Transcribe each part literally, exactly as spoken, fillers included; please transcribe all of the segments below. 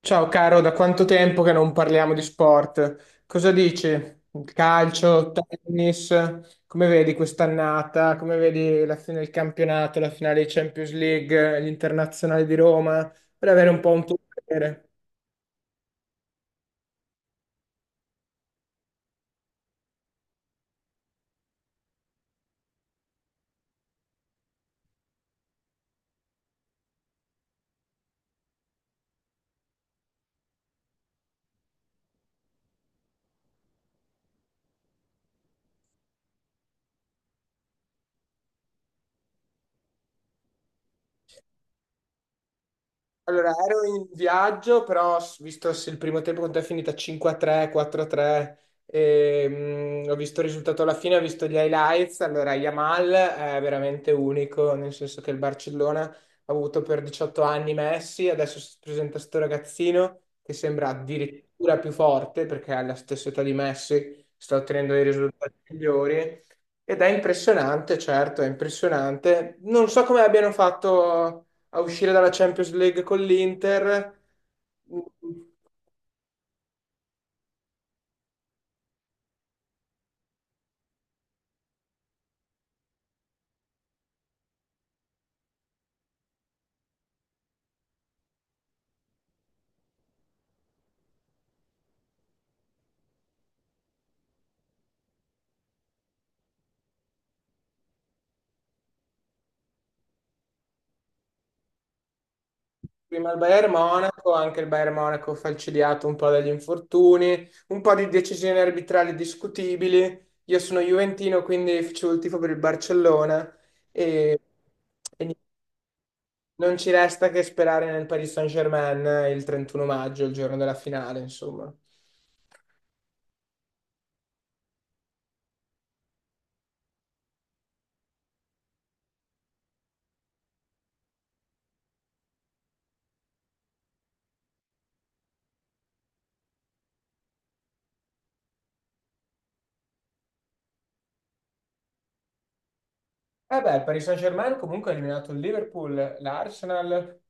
Ciao caro, da quanto tempo che non parliamo di sport? Cosa dici? Calcio, tennis, come vedi quest'annata? Come vedi la fine del campionato, la finale di Champions League, l'Internazionale di Roma? Per avere un po' un tuo parere. Allora, ero in viaggio, però s- visto se il primo tempo quanto è finita cinque a tre, quattro a tre, ehm, ho visto il risultato alla fine, ho visto gli highlights. Allora, Yamal è veramente unico, nel senso che il Barcellona ha avuto per diciotto anni Messi, adesso si presenta questo ragazzino che sembra addirittura più forte perché alla stessa età di Messi, sta ottenendo dei risultati migliori ed è impressionante, certo, è impressionante. Non so come abbiano fatto a uscire dalla Champions League con l'Inter, prima il Bayern Monaco, anche il Bayern Monaco falcidiato un po' dagli infortuni, un po' di decisioni arbitrali discutibili. Io sono juventino, quindi facevo il tifo per il Barcellona e, e niente, non ci resta che sperare nel Paris Saint-Germain il trentuno maggio, il giorno della finale, insomma. Eh beh, il Paris Saint-Germain comunque ha eliminato il Liverpool, l'Arsenal.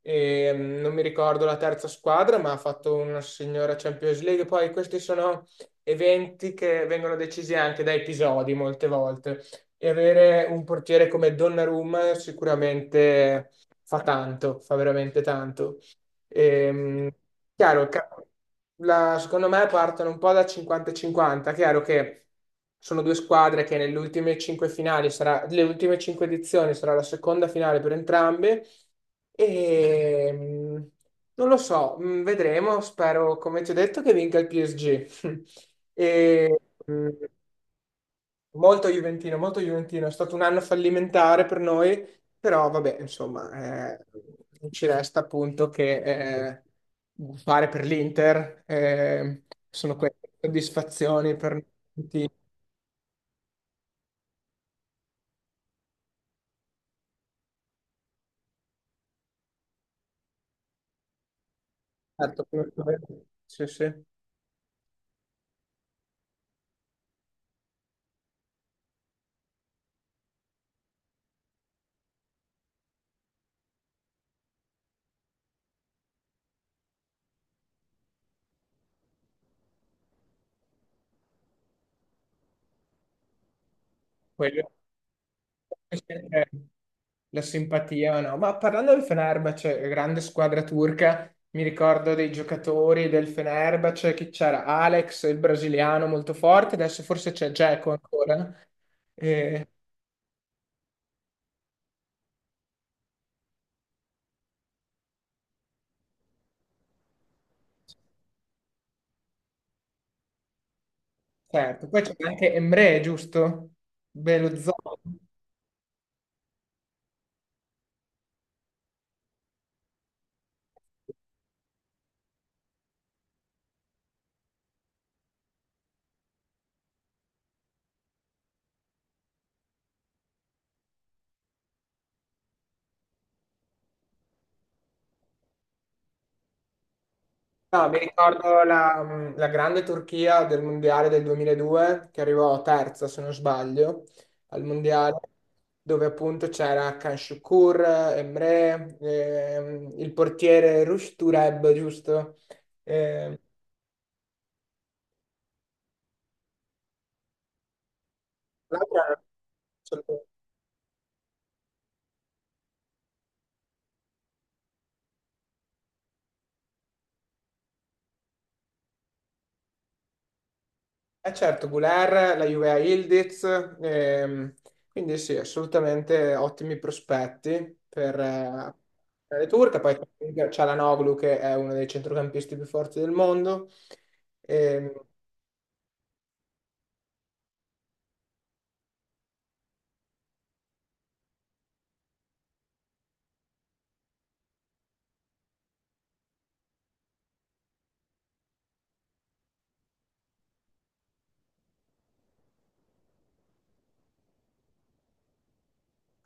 E mh, non mi ricordo la terza squadra, ma ha fatto una signora Champions League. Poi questi sono eventi che vengono decisi anche da episodi molte volte e avere un portiere come Donnarumma sicuramente fa tanto, fa veramente tanto. Ehm, chiaro, ca- la- secondo me partono un po' da cinquanta e cinquanta. Chiaro che sono due squadre che nelle ultime cinque finali sarà, le ultime cinque edizioni sarà la seconda finale per entrambe. E mh, non lo so, mh, vedremo. Spero, come ti ho detto, che vinca il P S G. E, mh, molto Juventino, molto Juventino, è stato un anno fallimentare per noi, però vabbè, insomma, eh, ci resta appunto che eh, fare per l'Inter, eh, sono queste soddisfazioni per tutti. Certo, come- sì, sì. Quello è la simpatia, o no? Ma parlando del Fenerbahce, grande squadra turca, mi ricordo dei giocatori del Fenerbahce, che c'era Alex, il brasiliano molto forte, adesso forse c'è Dzeko ancora. Eh, certo, poi c'è anche Emre, giusto? Bello Belözoğlu. No, mi ricordo la, la grande Turchia del Mondiale del duemiladue, che arrivò terza, se non sbaglio, al Mondiale, dove appunto c'era Can Şükür, Emre, ehm, il portiere Rush Tureb, giusto? Ehm, l'altro era- Eh certo, Goulart, la Juve a Yildiz, ehm, quindi sì, assolutamente ottimi prospetti per eh, per le turche, poi c'è Çalhanoğlu che è uno dei centrocampisti più forti del mondo, sì. ehm,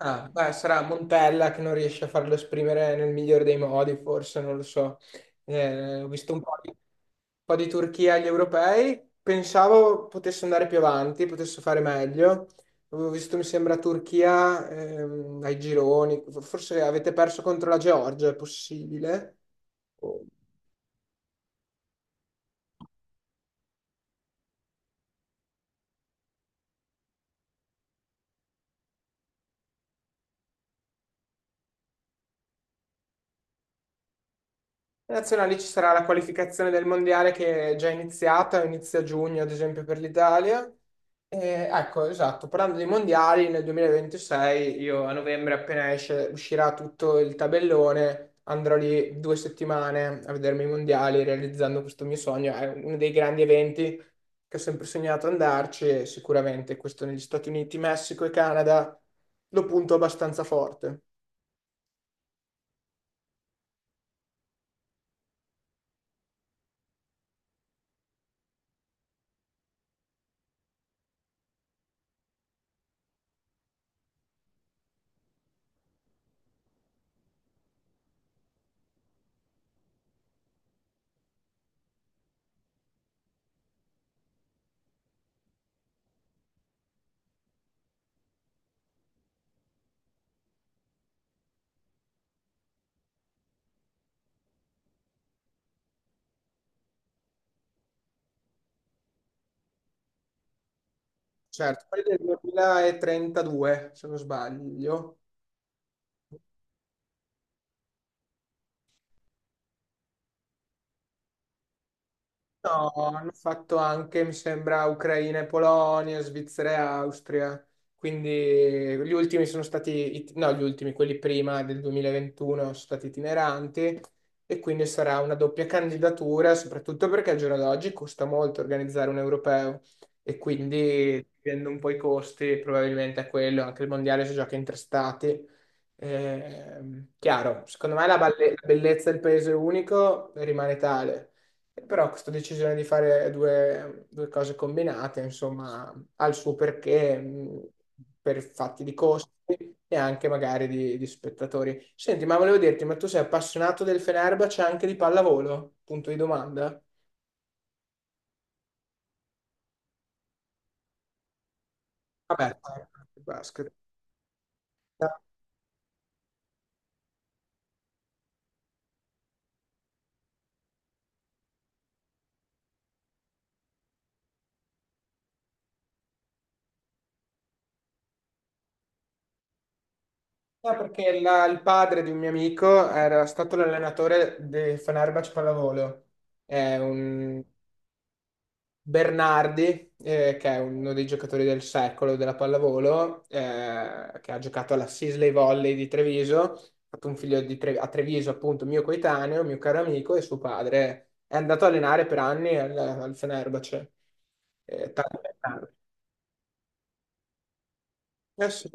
Ah, beh, sarà Montella che non riesce a farlo esprimere nel migliore dei modi, forse, non lo so. Eh, ho visto un po' di, un po' di Turchia agli europei, pensavo potesse andare più avanti, potesse fare meglio. Avevo visto, mi sembra, Turchia ehm, ai gironi, forse avete perso contro la Georgia, è possibile? Le Nazionali ci sarà la qualificazione del mondiale che è già iniziata, inizia a giugno ad esempio per l'Italia. E, ecco, esatto, parlando dei mondiali, nel duemilaventisei io a novembre appena esce, uscirà tutto il tabellone, andrò lì due settimane a vedermi i mondiali realizzando questo mio sogno. È uno dei grandi eventi che ho sempre sognato andarci e sicuramente questo negli Stati Uniti, Messico e Canada lo punto abbastanza forte. Certo, poi del duemilatrentadue se non sbaglio. No, hanno fatto anche, mi sembra, Ucraina e Polonia, Svizzera e Austria. Quindi gli ultimi sono stati, it- no, gli ultimi, quelli prima del duemilaventuno sono stati itineranti e quindi sarà una doppia candidatura, soprattutto perché al giorno d'oggi costa molto organizzare un europeo e quindi dipende un po' i costi, probabilmente è quello, anche il mondiale si gioca in tre stati. Ehm, chiaro, secondo me la balle- la bellezza del paese unico rimane tale. Però questa decisione di fare due, due cose combinate, insomma, ha il suo perché mh, per fatti di costi e anche magari di, di spettatori. Senti, ma volevo dirti, ma tu sei appassionato del Fenerbahce anche di pallavolo? Punto di domanda. Vabbè, basket. No, perché la- il padre di un mio amico era stato l'allenatore del Fenerbahce Pallavolo. È un Bernardi, eh, che è uno dei giocatori del secolo della pallavolo, eh, che ha giocato alla Sisley Volley di Treviso, ha fatto un figlio di Tre- a Treviso, appunto, mio coetaneo, mio caro amico, e suo padre è andato a allenare per anni al, al Fenerbahce. Eh, tanto per tanto. Eh sì,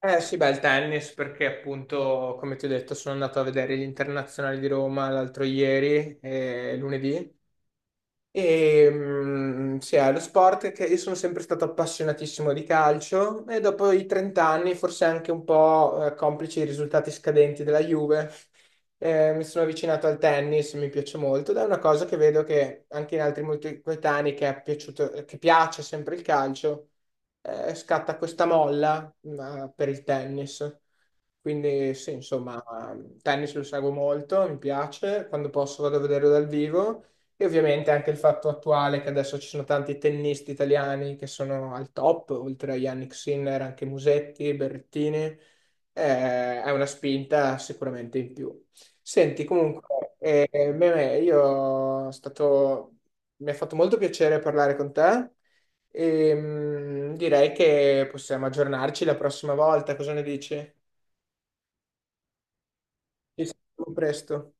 eh sì, beh, il tennis, perché appunto, come ti ho detto, sono andato a vedere gli internazionali di Roma l'altro ieri, eh, lunedì. E, mm, sì, è lo sport che io sono sempre stato appassionatissimo di calcio e dopo i trenta anni, forse anche un po' eh, complici i risultati scadenti della Juve, eh, mi sono avvicinato al tennis, mi piace molto ed è una cosa che vedo che anche in altri molti coetanei che, è piaciuto, che piace sempre il calcio, eh, scatta questa molla, ma per il tennis. Quindi sì, insomma, tennis lo seguo molto, mi piace, quando posso vado a vederlo dal vivo e ovviamente anche il fatto attuale che adesso ci sono tanti tennisti italiani che sono al top, oltre a Yannick Sinner, anche Musetti, Berrettini, eh, è una spinta sicuramente in più. Senti, comunque, eh, Meme, io è stato... mi ha fatto molto piacere parlare con te e mm, direi che possiamo aggiornarci la prossima volta, cosa ne dici? Ci sentiamo presto.